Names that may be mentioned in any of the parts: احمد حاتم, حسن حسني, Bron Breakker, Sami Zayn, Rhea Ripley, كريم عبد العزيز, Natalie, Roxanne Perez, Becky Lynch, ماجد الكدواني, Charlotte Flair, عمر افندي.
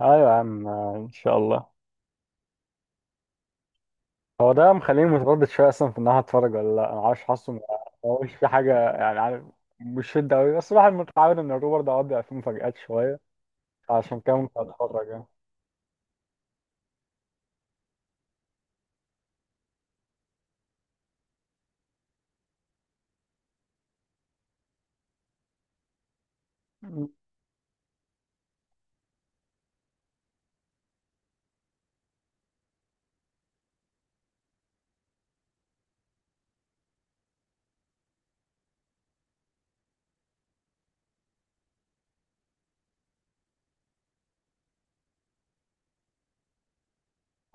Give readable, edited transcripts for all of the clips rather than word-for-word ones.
ايوه يا عم، ان شاء الله. هو ده مخليني متردد شويه اصلا في ان انا هتفرج ولا لا. انا عارف حاسه هو مش في حاجه، يعني عارف، مش شده قوي، بس الواحد متعود ان الروبر ده اوقات بيبقى فيه مفاجآت شويه، عشان كده ممكن اتفرج يعني.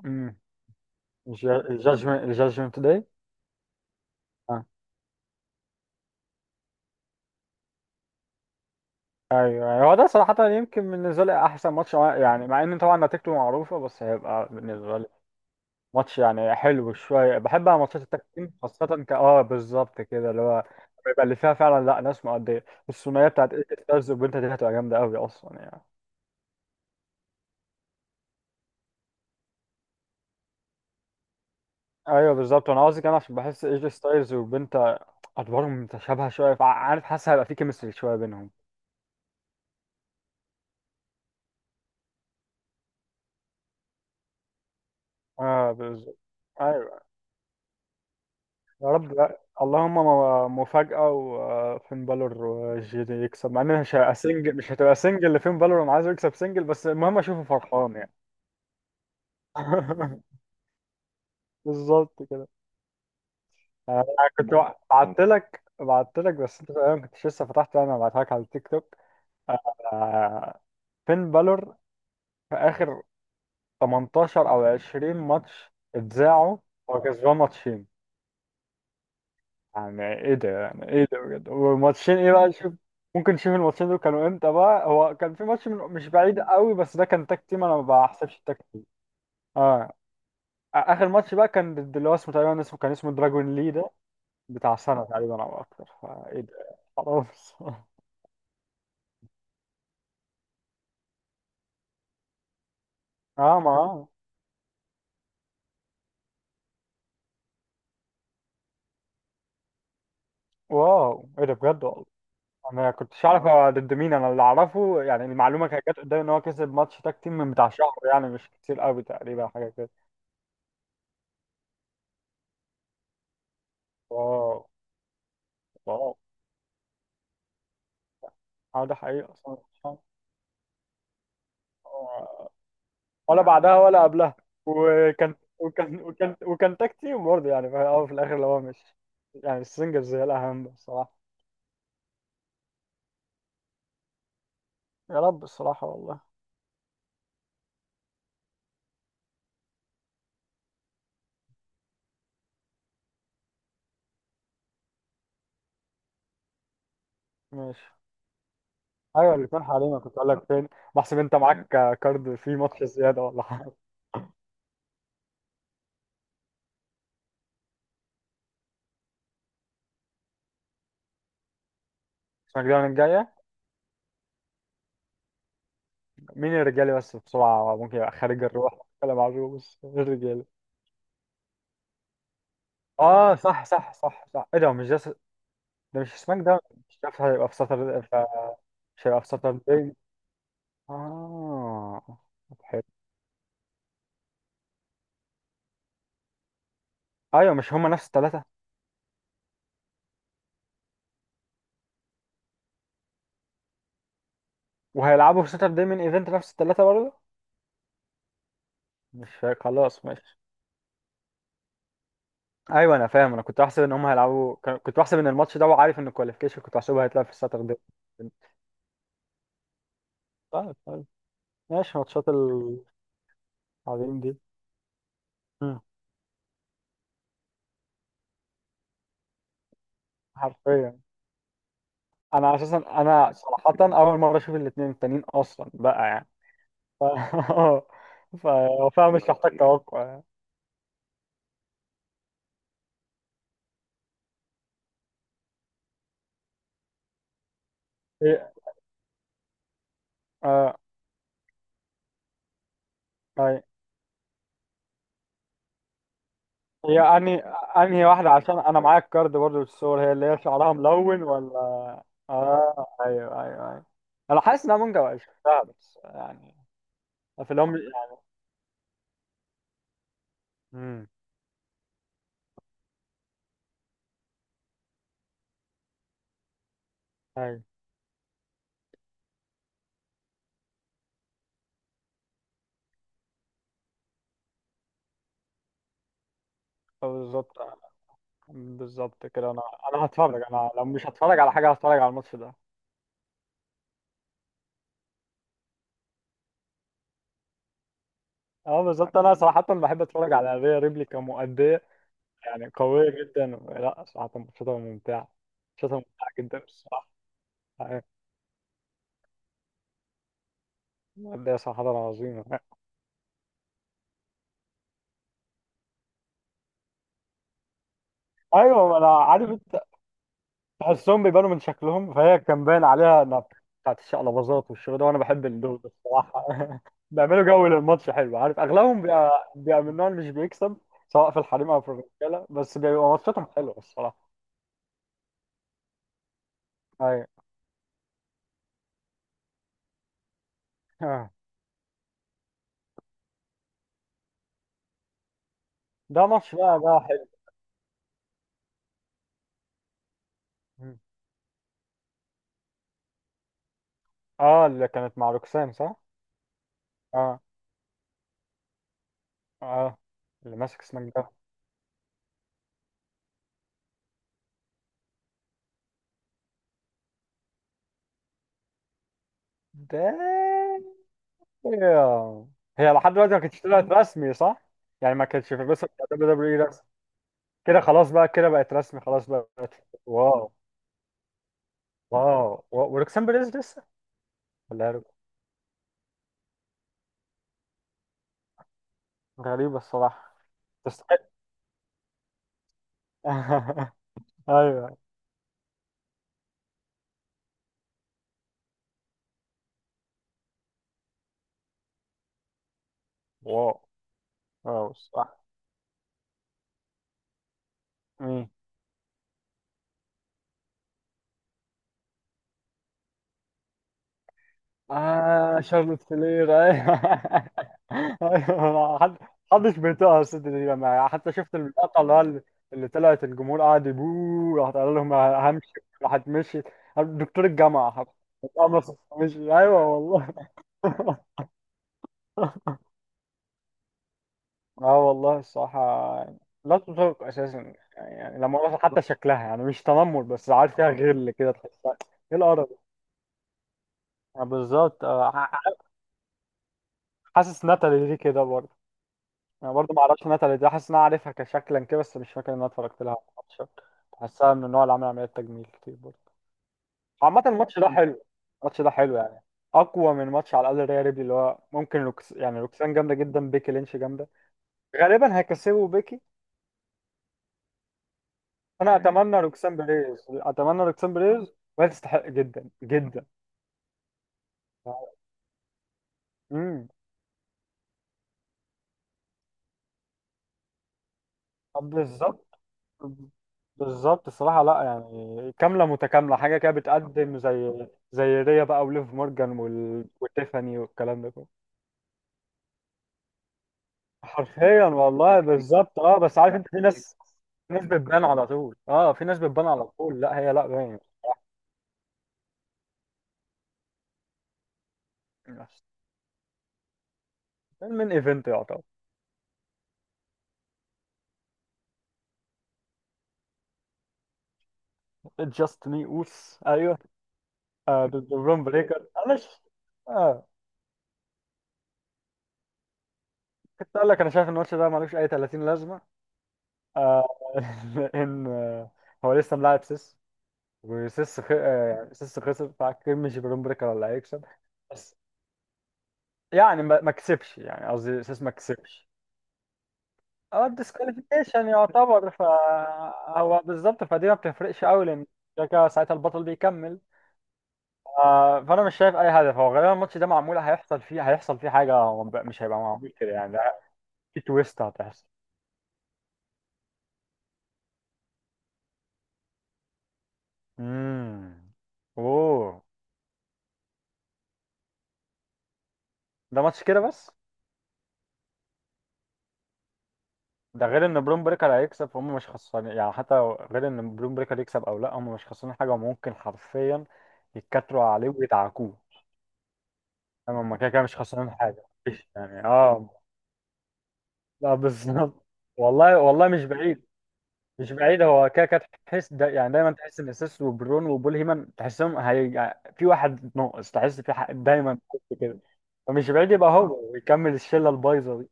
امم الجادجمنت، الجادجمنت داي. اه ايوه، يعني هو ده صراحه يمكن بالنسبه لي احسن ماتش، يعني مع ان طبعا نتيجته معروفه، بس هيبقى بالنسبه لي ماتش يعني حلو شويه. بحب انا ماتشات التاج تيم خاصه ك اه بالظبط كده، اللي هو بيبقى اللي فيها فعلا لا ناس مؤديه. الثنائيه بتاعت ايجي ستايلز وبنتا دي هتبقى جامده قوي اصلا يعني. ايوه بالظبط، انا قصدي كمان عشان بحس ايجي ستايلز وبنتا ادوارهم متشابهه شويه، فعارف حاسس هيبقى في كيمستري شويه بينهم. اه بالظبط. ايوه. يا رب لا. اللهم مفاجأة وفين بالور وجي دي يكسب. مع انها مش هتبقى سنجل، مش هتبقى سنجل لفين بالور، انا عايزه يكسب سنجل، بس المهم اشوفه فرحان يعني. بالظبط كده. انا كنت بعت لك بس انت تقريباً ما كنتش لسه فتحت، يعني انا بعتها لك على التيك توك. آه، فين بالور في اخر 18 او 20 ماتش اتذاعوا، هو كسبان ماتشين. يعني ايه ده، يعني ايه ده بجد؟ والماتشين ايه بقى، شوف. ممكن نشوف الماتشين دول كانوا امتى بقى. هو كان في ماتش من مش بعيد قوي بس ده كان تاك تيم، انا ما بحسبش التاك تيم. اه اخر ماتش بقى كان ضد اللي هو اسمه تقريبا، اسمه كان اسمه دراجون لي ده، بتاع سنه تقريبا او اكتر، فايه ده؟ خلاص. اه ما آه. واو ايه ده بجد والله. انا كنتش اعرف هو ضد مين، انا اللي اعرفه يعني المعلومه كانت جت قدامي ان هو كسب ماتش تاك تيم من بتاع شهر، يعني مش كتير قوي، تقريبا حاجه كده. واو. واو. اه ده حقيقي اصلا. آه، ولا بعدها ولا قبلها. وكان تاك تيم برضه يعني في الأول وفي الاخر اللي هو مش يعني، السنجلز هي الاهم بصراحه. يا رب الصراحه والله. ماشي. ايوه الاثنين حاليا. كنت اقول لك فين بحسب انت معاك كارد في ماتش زياده ولا حاجه. اسمك الجايه. مين الرجالي بس بسرعة ممكن يبقى خارج الروح، ولا معروف بس غير الرجالي. اه صح صح صح صح. ايه ده مش ده ده مش سماك ده، مش عارف هيبقى في ساتر مش هيبقى في ساتر داي. اه طب حلو. ايوه، مش هما نفس التلاتة وهيلعبوا في ساتر داي من ايفنت نفس التلاتة برضه؟ مش فا- خلاص ماشي. ايوه انا فاهم، انا كنت بحسب ان هما هيلعبوا، كنت بحسب ان الماتش ده، وعارف ان الكواليفيكيشن كنت بحسبه هيتلعب في الساتر داي. طيب طيب ماشي. ماتشات العظيم دي. مم. حرفيا. انا اساسا، انا صراحه اول مره اشوف الاثنين التانيين اصلا بقى يعني. ف اه ف فاهم، مش محتاج توقع يعني. هي آه هي هي انهي واحده عشان انا معايا الكارد برضه بالصور؟ هي اللي هي شعرها ملون ولا؟ اه ايوه ايوه ايوه. انا حاسس ان انا ممكن ابقى شفتها بس يعني في الام يعني. امم ايوه. آه، بالظبط. آه، بالظبط كده. انا هتفرج. انا لو مش هتفرج على حاجه هتفرج على الماتش ده. اه بالظبط، انا صراحه بحب اتفرج على ريا ريبلي كمؤديه يعني، قوية جدا. لا صراحة ماتشاتها ممتعة، ماتشاتها ممتعة جدا الصراحة. مادية صراحة عظيمة. أيوة ما أنا عارف أنت. تحسهم بيبانوا من شكلهم، فهي كان باين عليها إنها بتاعت الشقلباظات والشغل ده، وأنا بحب الدول ده الصراحة. بيعملوا جو للماتش حلو، عارف. أغلبهم بيبقى، بيبقى من النوع اللي مش بيكسب سواء في الحريم أو في الرجالة، بس بيبقى ماتشاتهم حلوة الصراحة. أيوة. آه. ده ماتش بقى ده حلو. أه اللي كانت مع روكسان، صح؟ أه. أه اللي ماسك سماك دايم. هي لحد دلوقتي ما كانتش طلعت رسمي، صح؟ يعني ما كانتش في القصه بتاع دبليو دبليو اي رسمي. كده خلاص بقى، كده بقت رسمي خلاص بقى. واو. واو، و- وروكسان بيريز لسه، ولا هي غريبه الصراحه. تستحق. ايوه. واو. واو الصراحه. آه شارلوت فلير أيوه. أيوه حد محدش بيطيقها الست دي. أنا حتى شفت المقطع اللي هو اللي اللي طلعت الجمهور قاعد يبوه، راحت قال لهم همشي، راحت مشيت. دكتور الجامعة حرفياً. اتقمص. مشي، أيوه والله. اه والله الصراحة يعني لا تطاق أساسا. يعني لما أعرف حتى شكلها، يعني مش تنمر بس عارف فيها غل كده تحسها. إيه القرف ده؟ آه، بالظبط. آه، حاسس ناتالي دي كده برضه. انا برضو ما اعرفش ناتالي دي، حاسس ان انا عارفها كشكلا كده بس مش فاكر ان انا اتفرجت لها على الماتش. حاسسها من النوع اللي عامل عمليات تجميل كتير برضه. عامة الماتش ده حلو، الماتش ده حلو يعني، اقوى من ماتش على الاقل ريال ريبلي. اللي هو ممكن روكس، يعني روكسان جامده جدا، بيكي لينش جامده، غالبا هيكسبوا بيكي. انا اتمنى روكسان بريز، اتمنى روكسان بريز، وهي تستحق جدا جدا. امم طب بالظبط. بالظبط الصراحة، لا يعني كاملة متكاملة حاجة كده، بتقدم زي زي ريا بقى وليف مورجان وال... وتيفاني والكلام ده كله. حرفيا والله بالظبط. اه بس عارف انت، في ناس، في ناس بتبان على طول. اه، في ناس بتبان على طول، لا هي لا باين. من ايفنت يعتبر. جاست مي اوس ايوه. آه ضد برون بريكر، انا ش... اه. كنت اقول لك، انا شايف ان الماتش ده ملوش اي 30 لازمه. آه. ان آه، هو لسه ملاعب سيس، وسيس خ... آه، سيس خسر فاكر مش برون بريكر ولا هيكسب. بس يعني ما كسبش، يعني قصدي سيس ما كسبش. اه الديسكواليفيكيشن يعتبر، فهو بالظبط فدي ما بتفرقش قوي، لان كده كده ساعتها البطل بيكمل. آه فانا مش شايف اي هدف. هو غالبا الماتش ده معمول، هيحصل فيه حاجه. هو مش هيبقى معمول كده يعني، ده في تويست هتحصل. امم اوه. ده ماتش كده بس. ده غير ان بروم بريكر هيكسب، فهم مش خسرانين يعني حتى. غير ان بروم بريكر يكسب او لا، هم مش خسرانين حاجه، وممكن حرفيا يتكتروا عليه ويدعكوه. تمام، هم كده كده مش خسرانين حاجه، مفيش يعني اه. لا بالظبط. والله والله مش بعيد. مش بعيد. هو كده كده تحس دا، يعني دايما تحس ان اساس وبرون وبول هيمن، تحسهم هي في واحد ناقص، تحس في حق دايما كده. فمش بعيد يبقى هو ويكمل الشله البايظه دي.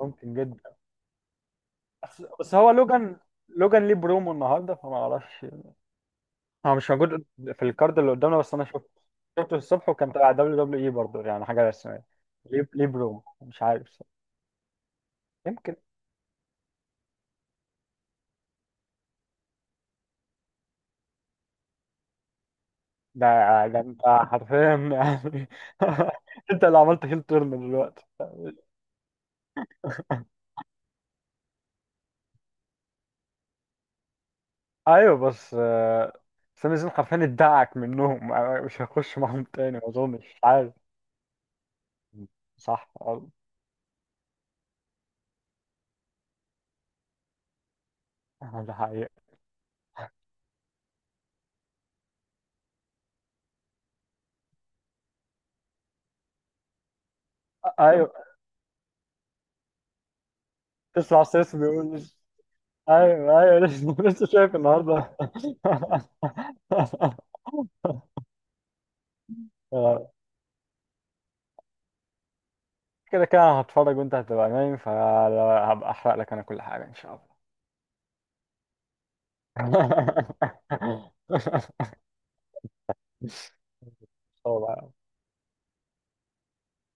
ممكن جدا. بس هو لوجان، لوجان ليه برومو النهارده فما اعرفش. هو مش موجود في الكارد اللي قدامنا، بس انا شفته، شفته الصبح وكان تبع دبليو دبليو اي برضه، يعني حاجه رسميه. ليه، ليه مش عارف. يمكن. ده يعني، ده انت حرفيا يعني انت اللي عملت هيل تيرن دلوقتي. ايوه بس آه، سامي زين حرفيا ادعك منهم آه، مش هيخش معاهم تاني ما اظنش، مش عارف. صح غلط. آه، ده حقيقة. ايوه. تسمع سيس بيقول ايوه ايوه، لسه شايف النهارده. كده كده أنا هتفرج وانت هتبقى نايم، فهبقى احرق لك انا كل حاجة ان شاء الله. إن شاء الله.